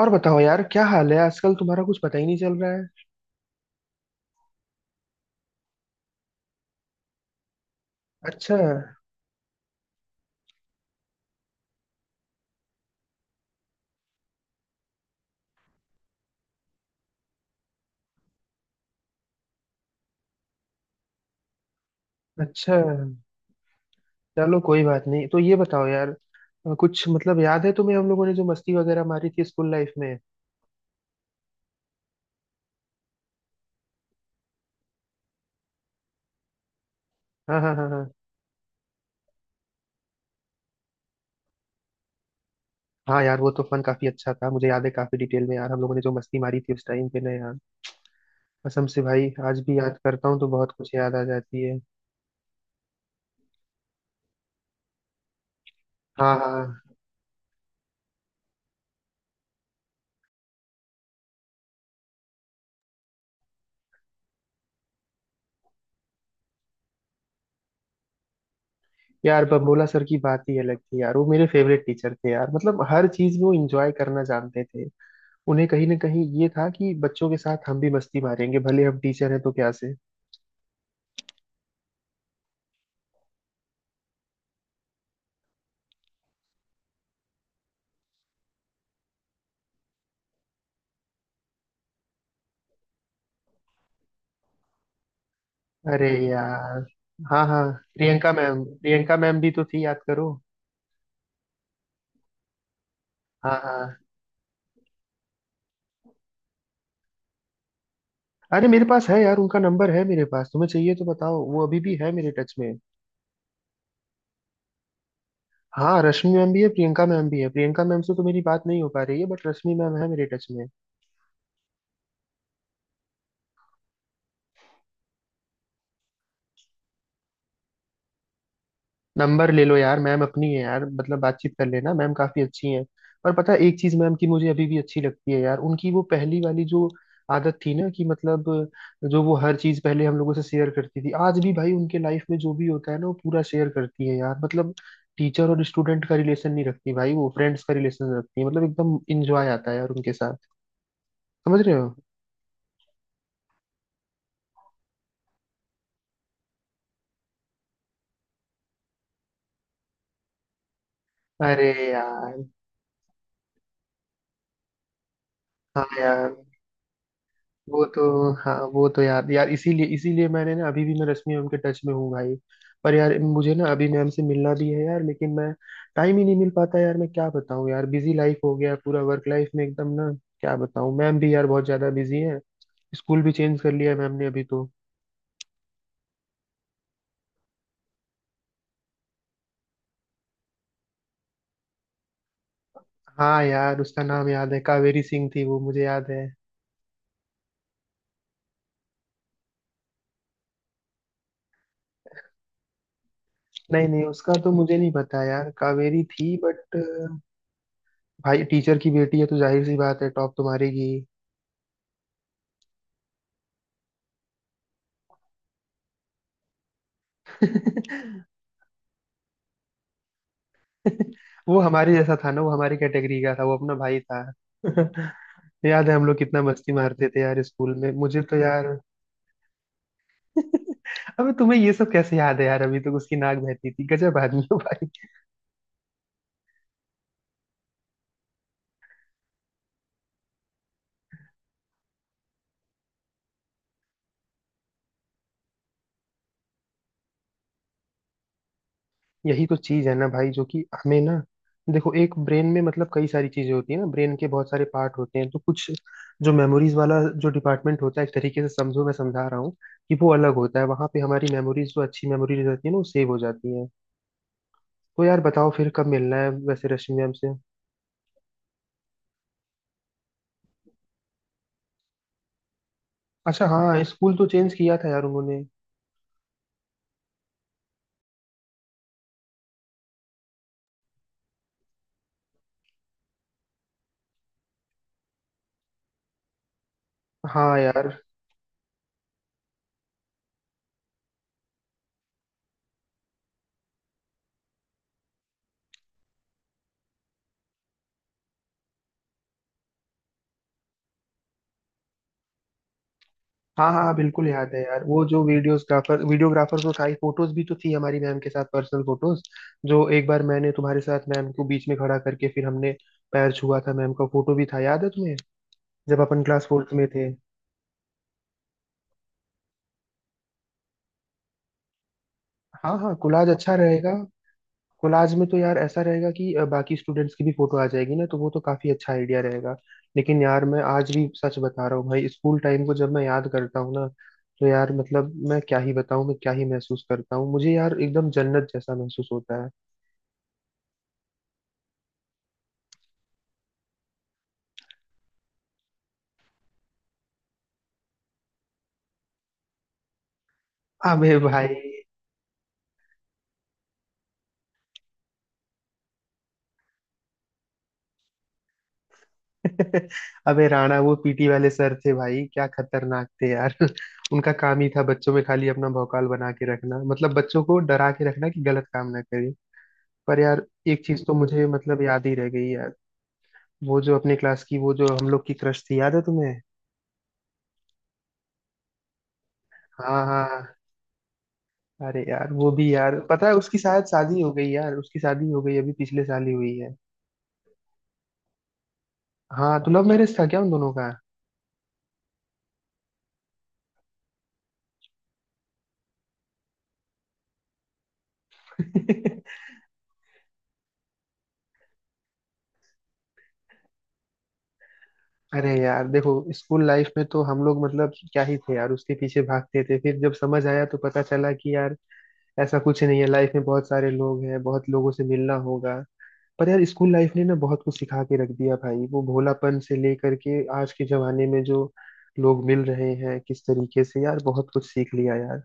और बताओ यार, क्या हाल है आजकल? तुम्हारा कुछ पता ही नहीं चल रहा है। अच्छा। अच्छा। चलो कोई बात नहीं, तो ये बताओ यार, कुछ मतलब याद है तुम्हें, हम लोगों ने जो मस्ती वगैरह मारी थी स्कूल लाइफ में? हाँ हाँ हाँ। हाँ हाँ यार, वो तो फन काफी अच्छा था। मुझे याद है काफी डिटेल में यार, हम लोगों ने जो मस्ती मारी थी उस टाइम पे ना यार। कसम से भाई, आज भी याद करता हूँ तो बहुत कुछ याद आ जाती है। हाँ हाँ। यार बबोला सर की बात ही अलग थी यार, वो मेरे फेवरेट टीचर थे यार, मतलब हर चीज में वो इंजॉय करना जानते थे। उन्हें कहीं ना कहीं ये था कि बच्चों के साथ हम भी मस्ती मारेंगे, भले हम टीचर हैं तो क्या से। अरे यार। हाँ हाँ। प्रियंका मैम, प्रियंका मैम भी तो थी, याद करो। हाँ हाँ। अरे मेरे पास है यार, उनका नंबर है मेरे पास, तुम्हें चाहिए तो बताओ, वो अभी भी है मेरे टच में। हाँ, रश्मि मैम भी है, प्रियंका मैम भी है। प्रियंका मैम से तो मेरी बात नहीं हो पा रही है, बट रश्मि मैम है मेरे टच में। नंबर ले लो यार, मैम अपनी है यार, मतलब बातचीत कर लेना, मैम काफी अच्छी हैं। और पता है एक चीज मैम की मुझे अभी भी अच्छी लगती है यार, उनकी वो पहली वाली जो आदत थी ना कि मतलब, जो वो हर चीज पहले हम लोगों से शेयर करती थी, आज भी भाई उनके लाइफ में जो भी होता है ना वो पूरा शेयर करती है यार मतलब। टीचर और स्टूडेंट का रिलेशन नहीं रखती भाई, वो फ्रेंड्स का रिलेशन रखती है, मतलब एकदम इंजॉय आता है यार उनके साथ। समझ रहे हो? अरे यार। हाँ यार वो तो, हाँ वो तो यार, यार इसीलिए, इसीलिए मैंने ना अभी भी मैं रश्मि मैम के टच में हूँ भाई। पर यार मुझे ना अभी मैम से मिलना भी है यार, लेकिन मैं टाइम ही नहीं मिल पाता यार। मैं क्या बताऊँ यार, बिजी लाइफ हो गया पूरा, वर्क लाइफ में एकदम ना। क्या बताऊँ, मैम भी यार बहुत ज्यादा बिजी है। स्कूल भी चेंज कर लिया है मैम ने अभी तो। हाँ यार, उसका नाम याद है, कावेरी सिंह थी वो, मुझे याद है। नहीं नहीं, उसका तो मुझे नहीं पता यार, कावेरी थी बट। भाई टीचर की बेटी है तो जाहिर सी बात है, टॉप तुम्हारी की। वो हमारे जैसा था ना, वो हमारी कैटेगरी का था, वो अपना भाई था। याद है हम लोग कितना मस्ती मारते थे यार स्कूल में, मुझे तो यार। अबे, तुम्हें ये सब कैसे याद है यार? अभी तक उसकी नाक बहती थी, गजब आदमी हो भाई। यही तो चीज है ना भाई, जो कि हमें ना। देखो, एक ब्रेन में मतलब कई सारी चीजें होती है ना, ब्रेन के बहुत सारे पार्ट होते हैं, तो कुछ, जो मेमोरीज वाला जो डिपार्टमेंट होता है, एक तरीके से समझो, मैं समझा रहा हूँ कि वो अलग होता है, वहां पे हमारी मेमोरीज, जो अच्छी मेमोरीज रहती है ना, वो सेव हो जाती है। तो यार बताओ, फिर कब मिलना है वैसे रश्मि मैम से? अच्छा, हाँ स्कूल तो चेंज किया था यार उन्होंने। हाँ यार। हाँ हाँ, बिल्कुल याद है यार। वो जो वीडियोग्राफर, वीडियोग्राफर तो था ही, फोटोज भी तो थी हमारी मैम के साथ, पर्सनल फोटोज, जो एक बार मैंने तुम्हारे साथ मैम को बीच में खड़ा करके फिर हमने पैर छुआ था मैम का, फोटो भी था, याद है तुम्हें? जब अपन क्लास फोर्थ में थे। हाँ हाँ, कोलाज अच्छा रहेगा। कोलाज में तो यार ऐसा रहेगा कि बाकी स्टूडेंट्स की भी फोटो आ जाएगी ना, तो वो तो काफी अच्छा आइडिया रहेगा। लेकिन यार मैं आज भी सच बता रहा हूँ भाई, स्कूल टाइम को जब मैं याद करता हूँ ना, तो यार मतलब, मैं क्या ही बताऊँ, मैं क्या ही महसूस करता हूँ, मुझे यार एकदम जन्नत जैसा महसूस होता है। अबे भाई। अबे राणा वो पीटी वाले सर थे भाई, क्या खतरनाक थे यार। उनका काम ही था बच्चों में खाली अपना भौकाल बना के रखना, मतलब बच्चों को डरा के रखना कि गलत काम ना करें। पर यार, एक चीज तो मुझे मतलब याद ही रह गई यार। वो जो अपनी क्लास की, वो जो हम लोग की क्रश थी, याद है तुम्हें? हाँ हाँ हाँ। अरे यार वो भी यार, पता है उसकी शायद शादी हो गई यार, उसकी शादी हो गई, अभी पिछले साल ही हुई है। हाँ, तो लव मैरिज था क्या उन दोनों का? अरे यार देखो, स्कूल लाइफ में तो हम लोग मतलब क्या ही थे यार, उसके पीछे भागते थे। फिर जब समझ आया तो पता चला कि यार, ऐसा कुछ नहीं है, लाइफ में बहुत सारे लोग हैं, बहुत लोगों से मिलना होगा। पर यार स्कूल लाइफ ने ना बहुत कुछ सिखा के रख दिया भाई, वो भोलापन से लेकर के आज के जमाने में जो लोग मिल रहे हैं किस तरीके से, यार बहुत कुछ सीख लिया यार।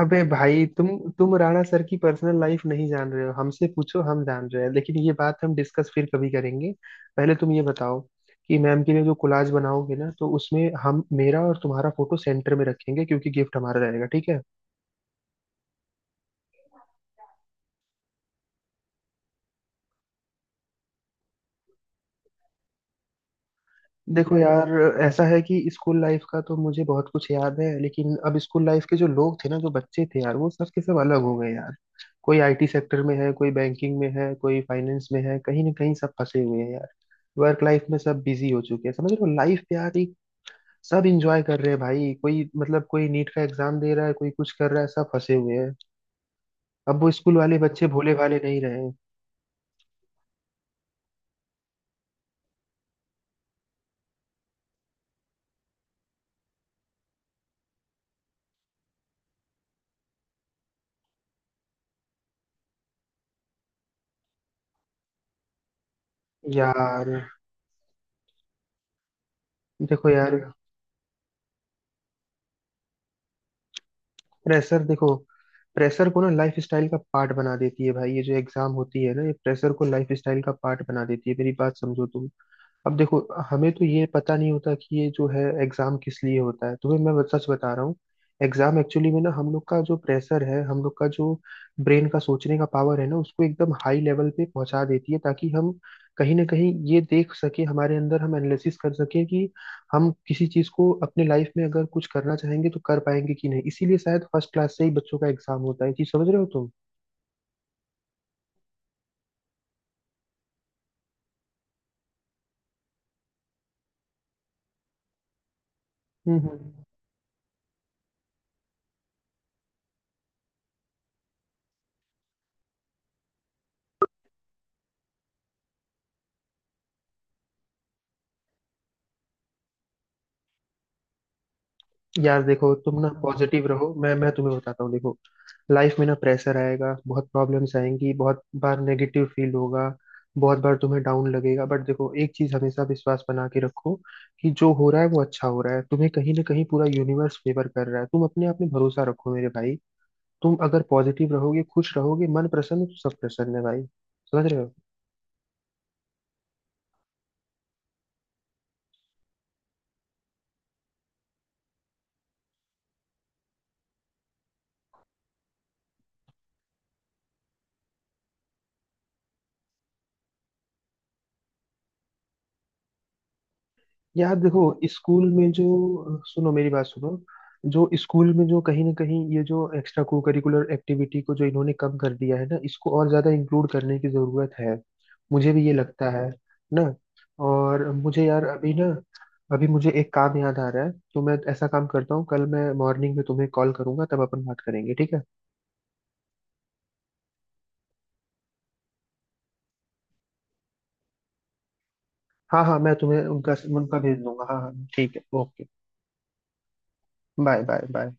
अबे भाई, तुम राणा सर की पर्सनल लाइफ नहीं जान रहे हो, हमसे पूछो, हम जान रहे हैं, लेकिन ये बात हम डिस्कस फिर कभी करेंगे। पहले तुम ये बताओ कि मैम के लिए जो कोलाज बनाओगे ना, तो उसमें हम मेरा और तुम्हारा फोटो सेंटर में रखेंगे, क्योंकि गिफ्ट हमारा रहेगा, ठीक है? देखो यार, ऐसा है कि स्कूल लाइफ का तो मुझे बहुत कुछ याद है, लेकिन अब स्कूल लाइफ के जो लोग थे ना, जो बच्चे थे यार, वो सब के सब अलग हो गए यार। कोई आईटी सेक्टर में है, कोई बैंकिंग में है, कोई फाइनेंस में है, कहीं ना कहीं सब फंसे हुए हैं यार। वर्क लाइफ में सब बिजी हो चुके हैं, समझ रहे हो? लाइफ यार एक, सब इंजॉय कर रहे हैं भाई, कोई मतलब कोई नीट का एग्जाम दे रहा है, कोई कुछ कर रहा है, सब फंसे हुए हैं। अब वो स्कूल वाले बच्चे भोले भाले नहीं रहे। यार देखो, यार प्रेशर देखो, प्रेशर को ना लाइफ स्टाइल का पार्ट बना देती है भाई, ये जो एग्जाम होती है ना, ये प्रेशर को लाइफ स्टाइल का पार्ट बना देती है, मेरी बात समझो तुम। अब देखो, हमें तो ये पता नहीं होता कि ये जो है एग्जाम किस लिए होता है, तुम्हें मैं सच बता रहा हूँ। एग्जाम एक्चुअली में ना, हम लोग का जो प्रेशर है, हम लोग का जो ब्रेन का सोचने का पावर है ना, उसको एकदम हाई लेवल पे पहुंचा देती है, ताकि हम कहीं ना कहीं ये देख सके हमारे अंदर, हम एनालिसिस कर सके कि हम किसी चीज को अपने लाइफ में अगर कुछ करना चाहेंगे तो कर पाएंगे कि नहीं, इसीलिए शायद फर्स्ट क्लास से ही बच्चों का एग्जाम होता है, ये चीज समझ रहे हो तुम? हम्म। हम्म। यार देखो, तुम ना पॉजिटिव रहो। मैं तुम्हें बताता हूँ, देखो, लाइफ में ना प्रेशर आएगा, बहुत प्रॉब्लम्स आएंगी, बहुत बार नेगेटिव फील होगा, बहुत बार तुम्हें डाउन लगेगा, बट देखो एक चीज, हमेशा विश्वास बना के रखो कि जो हो रहा है वो अच्छा हो रहा है, तुम्हें कहीं ना कहीं पूरा यूनिवर्स फेवर कर रहा है, तुम अपने आप में भरोसा रखो मेरे भाई। तुम अगर पॉजिटिव रहोगे, खुश रहोगे, मन प्रसन्न तो सब प्रसन्न है भाई। समझ रहे हो? यार देखो, स्कूल में जो, सुनो मेरी बात सुनो, जो स्कूल में जो कहीं ना कहीं ये जो एक्स्ट्रा को करिकुलर एक्टिविटी को, जो इन्होंने कम कर दिया है ना, इसको और ज्यादा इंक्लूड करने की जरूरत है, मुझे भी ये लगता है ना। और मुझे यार अभी ना, अभी मुझे एक काम याद आ रहा है, तो मैं ऐसा काम करता हूँ, कल मैं मॉर्निंग में तुम्हें कॉल करूंगा, तब अपन बात करेंगे, ठीक है? हाँ हाँ, मैं तुम्हें उनका उनका भेज दूंगा। हाँ हाँ, ठीक है, ओके। Bye bye bye.